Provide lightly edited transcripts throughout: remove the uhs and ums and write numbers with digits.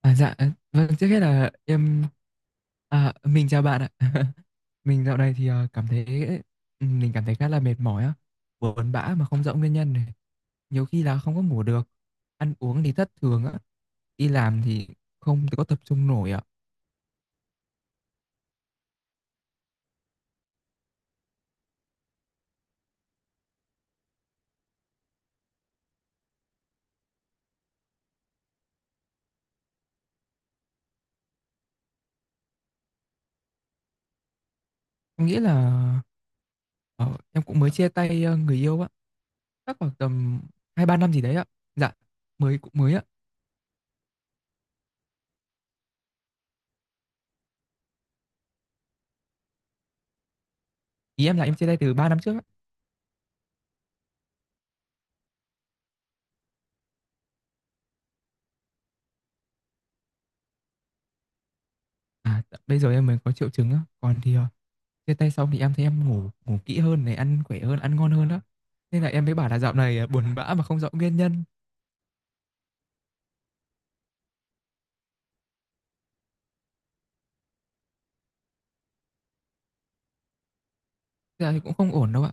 À, dạ, ờ, vâng, trước hết là mình chào bạn ạ. Mình dạo này thì ờ, cảm thấy, ừ, mình cảm thấy khá là mệt mỏi á, buồn bã mà không rõ nguyên nhân này. Nhiều khi là không có ngủ được, ăn uống thì thất thường á, đi làm thì không có tập trung nổi ạ. Em nghĩ là ờ, em cũng mới chia tay người yêu á, chắc khoảng tầm hai ba năm gì đấy ạ. Dạ, mới cũng mới ạ. Ý em là em chia tay từ 3 năm trước á. Bây giờ em mới có triệu chứng á, còn chia tay xong thì em thấy em ngủ ngủ kỹ hơn này, ăn khỏe hơn, ăn ngon hơn đó. Nên là em mới bảo là dạo này à, buồn bã mà không rõ nguyên nhân. Thế là thì cũng không ổn đâu ạ.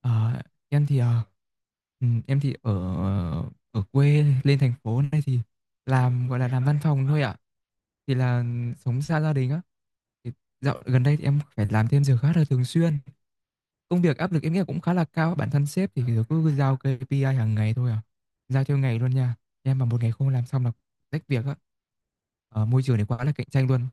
Ờ, em thì ờ, ừ, em thì ở ở quê lên thành phố này thì làm gọi là làm văn phòng thôi ạ. Thì là ừ, Sống xa gia đình á. Thì dạo gần đây thì em phải làm thêm giờ khá là thường xuyên. Công việc áp lực em nghĩ là cũng khá là cao. Bản thân sếp thì cứ giao KPI hàng ngày thôi à. Giao theo ngày luôn nha. Em mà một ngày không làm xong là rách việc á. Ờ, môi trường này quá là cạnh tranh luôn.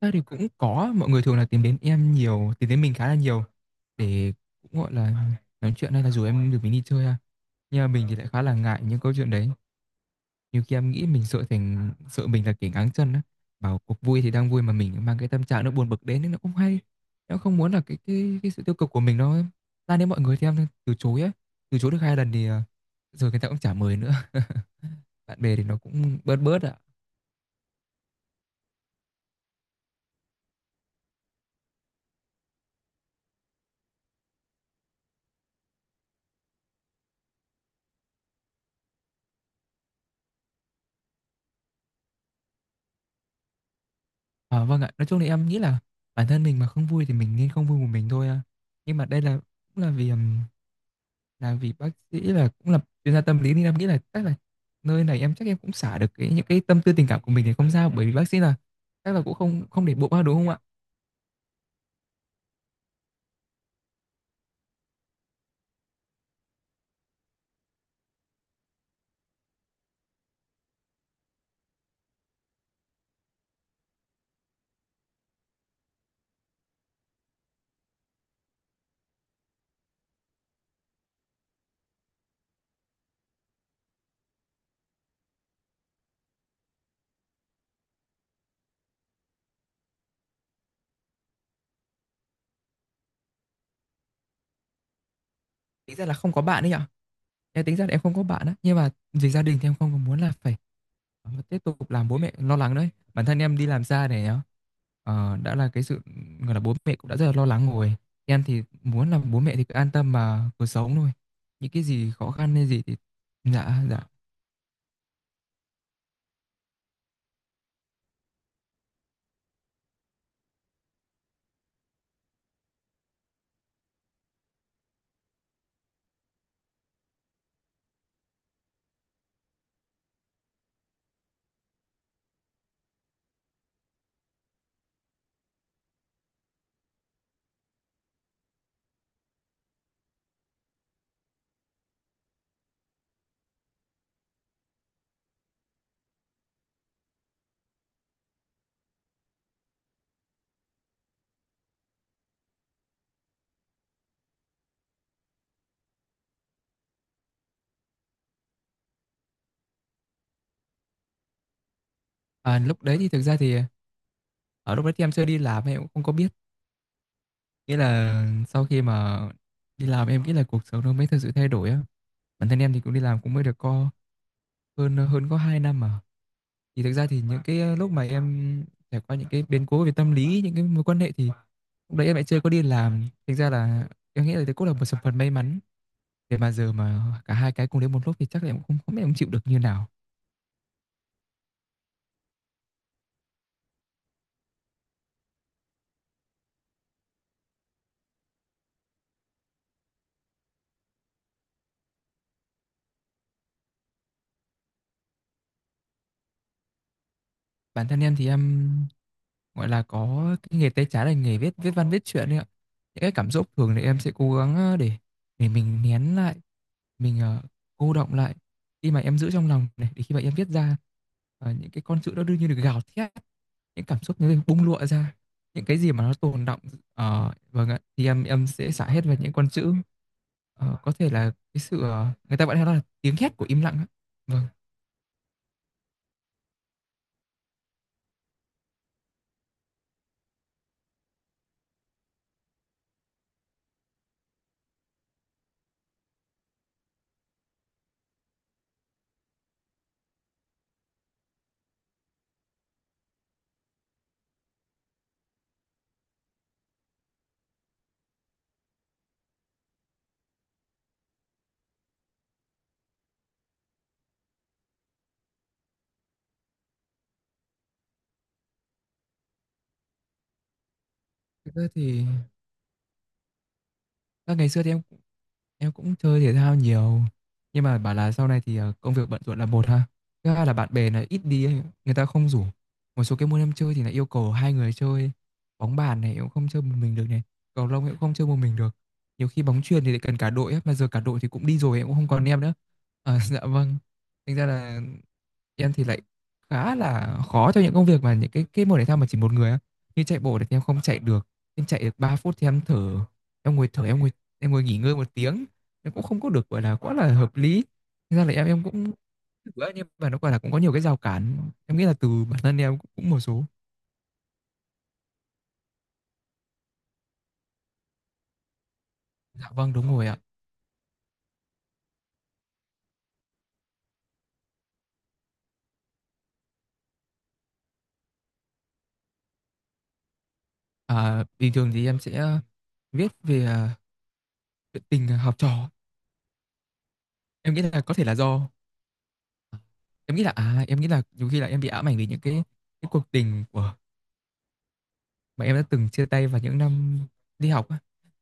Thế thì cũng có mọi người thường là tìm đến em nhiều, tìm đến mình khá là nhiều để cũng gọi là nói chuyện hay là rủ em được mình đi chơi ha. Nhưng mà mình thì lại khá là ngại những câu chuyện đấy. Nhiều khi em nghĩ mình sợ thành sợ mình là kẻ ngáng chân á. Bảo cuộc vui thì đang vui mà mình mang cái tâm trạng nó buồn bực đến nên nó không hay. Em không muốn là cái sự tiêu cực của mình nó lan đến mọi người thì em từ chối á. Từ chối được hai lần rồi người ta cũng chả mời nữa. Bạn bè thì nó cũng bớt bớt ạ. À, vâng ạ, nói chung là em nghĩ là bản thân mình mà không vui thì mình nên không vui một mình thôi à. Nhưng mà đây là cũng là vì làm vì bác sĩ là cũng là chuyên gia tâm lý nên em nghĩ là chắc là nơi này em chắc em cũng xả được cái những cái tâm tư tình cảm của mình thì không sao bởi vì bác sĩ là chắc là cũng không không để bụng ba đúng không ạ. Tính ra là không có bạn đấy nhở, em tính ra là em không có bạn á, nhưng mà vì gia đình thì em không có muốn là phải tiếp tục làm bố mẹ lo lắng đấy, bản thân em đi làm xa này nhá. Đã là cái sự gọi là bố mẹ cũng đã rất là lo lắng rồi, em thì muốn là bố mẹ thì cứ an tâm mà cuộc sống thôi. Những cái gì khó khăn hay gì thì dạ dạ. À, lúc đấy thì thực ra thì ở lúc đấy thì em chưa đi làm em cũng không có biết, nghĩa là sau khi mà đi làm em nghĩ là cuộc sống nó mới thực sự thay đổi á. Bản thân em thì cũng đi làm cũng mới được có hơn hơn có 2 năm mà. Thì thực ra thì những cái lúc mà em trải qua những cái biến cố về tâm lý, những cái mối quan hệ thì lúc đấy em lại chưa có đi làm, thành ra là em nghĩ là đấy cũng là một sự phần may mắn, để mà giờ mà cả hai cái cùng đến một lúc thì chắc là em cũng không không biết em chịu được như nào. Bản thân em thì em gọi là có cái nghề tay trái là nghề viết viết văn viết truyện đấy ạ. Những cái cảm xúc thường thì em sẽ cố gắng để mình nén lại, mình cô đọng lại, khi mà em giữ trong lòng này để khi mà em viết ra những cái con chữ đó đương nhiên được gào thét, những cảm xúc nó bung lụa ra, những cái gì mà nó tồn đọng. Vâng ạ, thì em sẽ xả hết vào những con chữ. Ờ, có thể là cái sự người ta gọi nó là tiếng hét của im lặng á. Vâng, thực ra thì à, ngày xưa thì em cũng chơi thể thao nhiều nhưng mà bảo là sau này thì công việc bận rộn là một ha. Thứ hai là bạn bè là ít đi ấy, người ta không rủ. Một số cái môn em chơi thì lại yêu cầu hai người chơi. Bóng bàn này em cũng không chơi một mình được này, cầu lông em cũng không chơi một mình được. Nhiều khi bóng chuyền thì lại cần cả đội ấy, mà giờ cả đội thì cũng đi rồi em cũng không còn em nữa. À, dạ vâng. Thành ra là em thì lại khá là khó cho những công việc mà những cái môn thể thao mà chỉ một người á, như chạy bộ thì em không chạy được, em chạy được 3 phút thì em thở, em ngồi thở, em ngồi nghỉ ngơi 1 tiếng em cũng không có được gọi là quá là hợp lý. Thế ra là em cũng thử á, nhưng mà nó gọi là cũng có nhiều cái rào cản, em nghĩ là từ bản thân em cũng một số. Dạ vâng đúng rồi ạ. À, bình thường thì em sẽ viết về à, chuyện tình học trò. Em nghĩ là có thể là do em nghĩ là nhiều khi là em bị ám ảnh vì những cái cuộc tình của mà em đã từng chia tay vào những năm đi học á,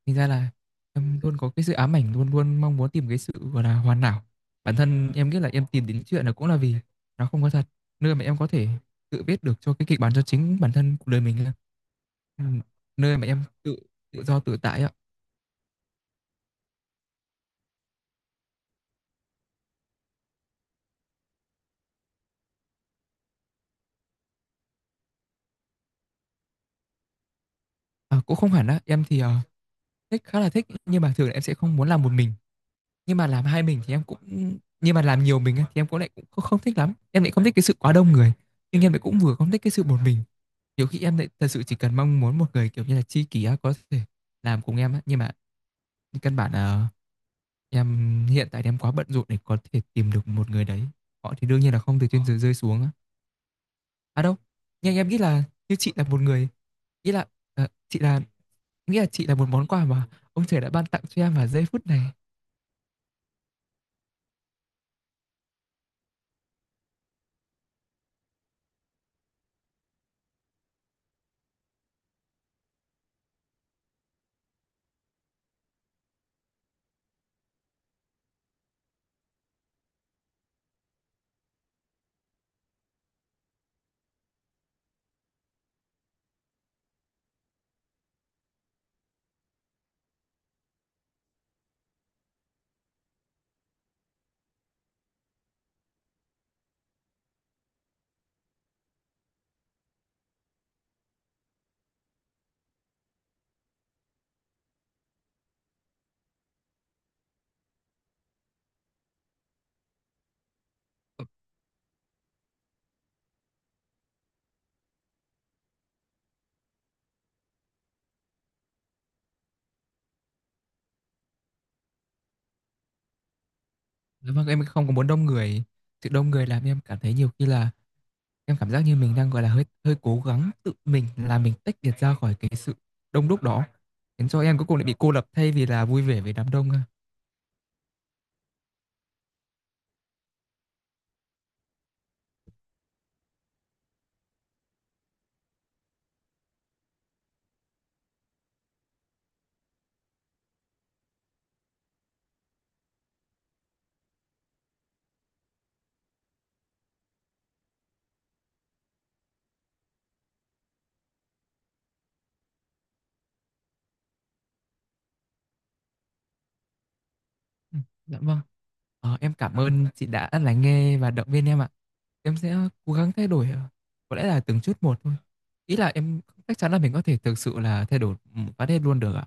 thành ra là em luôn có cái sự ám ảnh, luôn luôn mong muốn tìm cái sự gọi là hoàn hảo. Bản thân em nghĩ là em tìm đến chuyện là cũng là vì nó không có thật, nơi mà em có thể tự viết được cho cái kịch bản cho chính bản thân cuộc đời mình á. Ừ, nơi mà em tự tự do tự tại ạ. À, cũng không hẳn á, em thì thích khá là thích nhưng mà thường là em sẽ không muốn làm một mình, nhưng mà làm hai mình thì em cũng, nhưng mà làm nhiều mình á, thì em cũng lại cũng không thích lắm, em lại không thích cái sự quá đông người nhưng em lại cũng vừa không thích cái sự một mình. Nhiều khi em lại thật sự chỉ cần mong muốn một người, kiểu như là, tri kỷ á, có thể làm cùng em á, nhưng mà căn bản là em hiện tại em quá bận rộn để có thể tìm được một người đấy. Họ thì đương nhiên là không từ trên trời rơi xuống á. À, đâu, nhưng em nghĩ là như chị là một người, ý là, ờ, chị là nghĩa là chị là một món quà mà ông trời đã ban tặng cho em vào giây phút này. Dạ vâng, em không có muốn đông người, sự đông người làm em cảm thấy nhiều khi là em cảm giác như mình đang, gọi là, hơi hơi cố gắng tự mình là mình tách biệt ra khỏi cái sự đông đúc đó, khiến cho em cuối cùng lại bị cô lập thay vì là vui vẻ với đám đông ha. Dạ vâng. Ờ, em cảm ơn chị đã lắng nghe và động viên em ạ. Em sẽ cố gắng thay đổi, có lẽ là từng chút một thôi. Ý là em chắc chắn là mình có thể thực sự là thay đổi, phát hết luôn được ạ.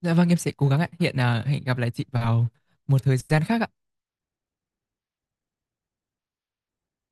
Dạ vâng, em sẽ cố gắng ạ. Hẹn gặp lại chị vào một thời gian khác ạ.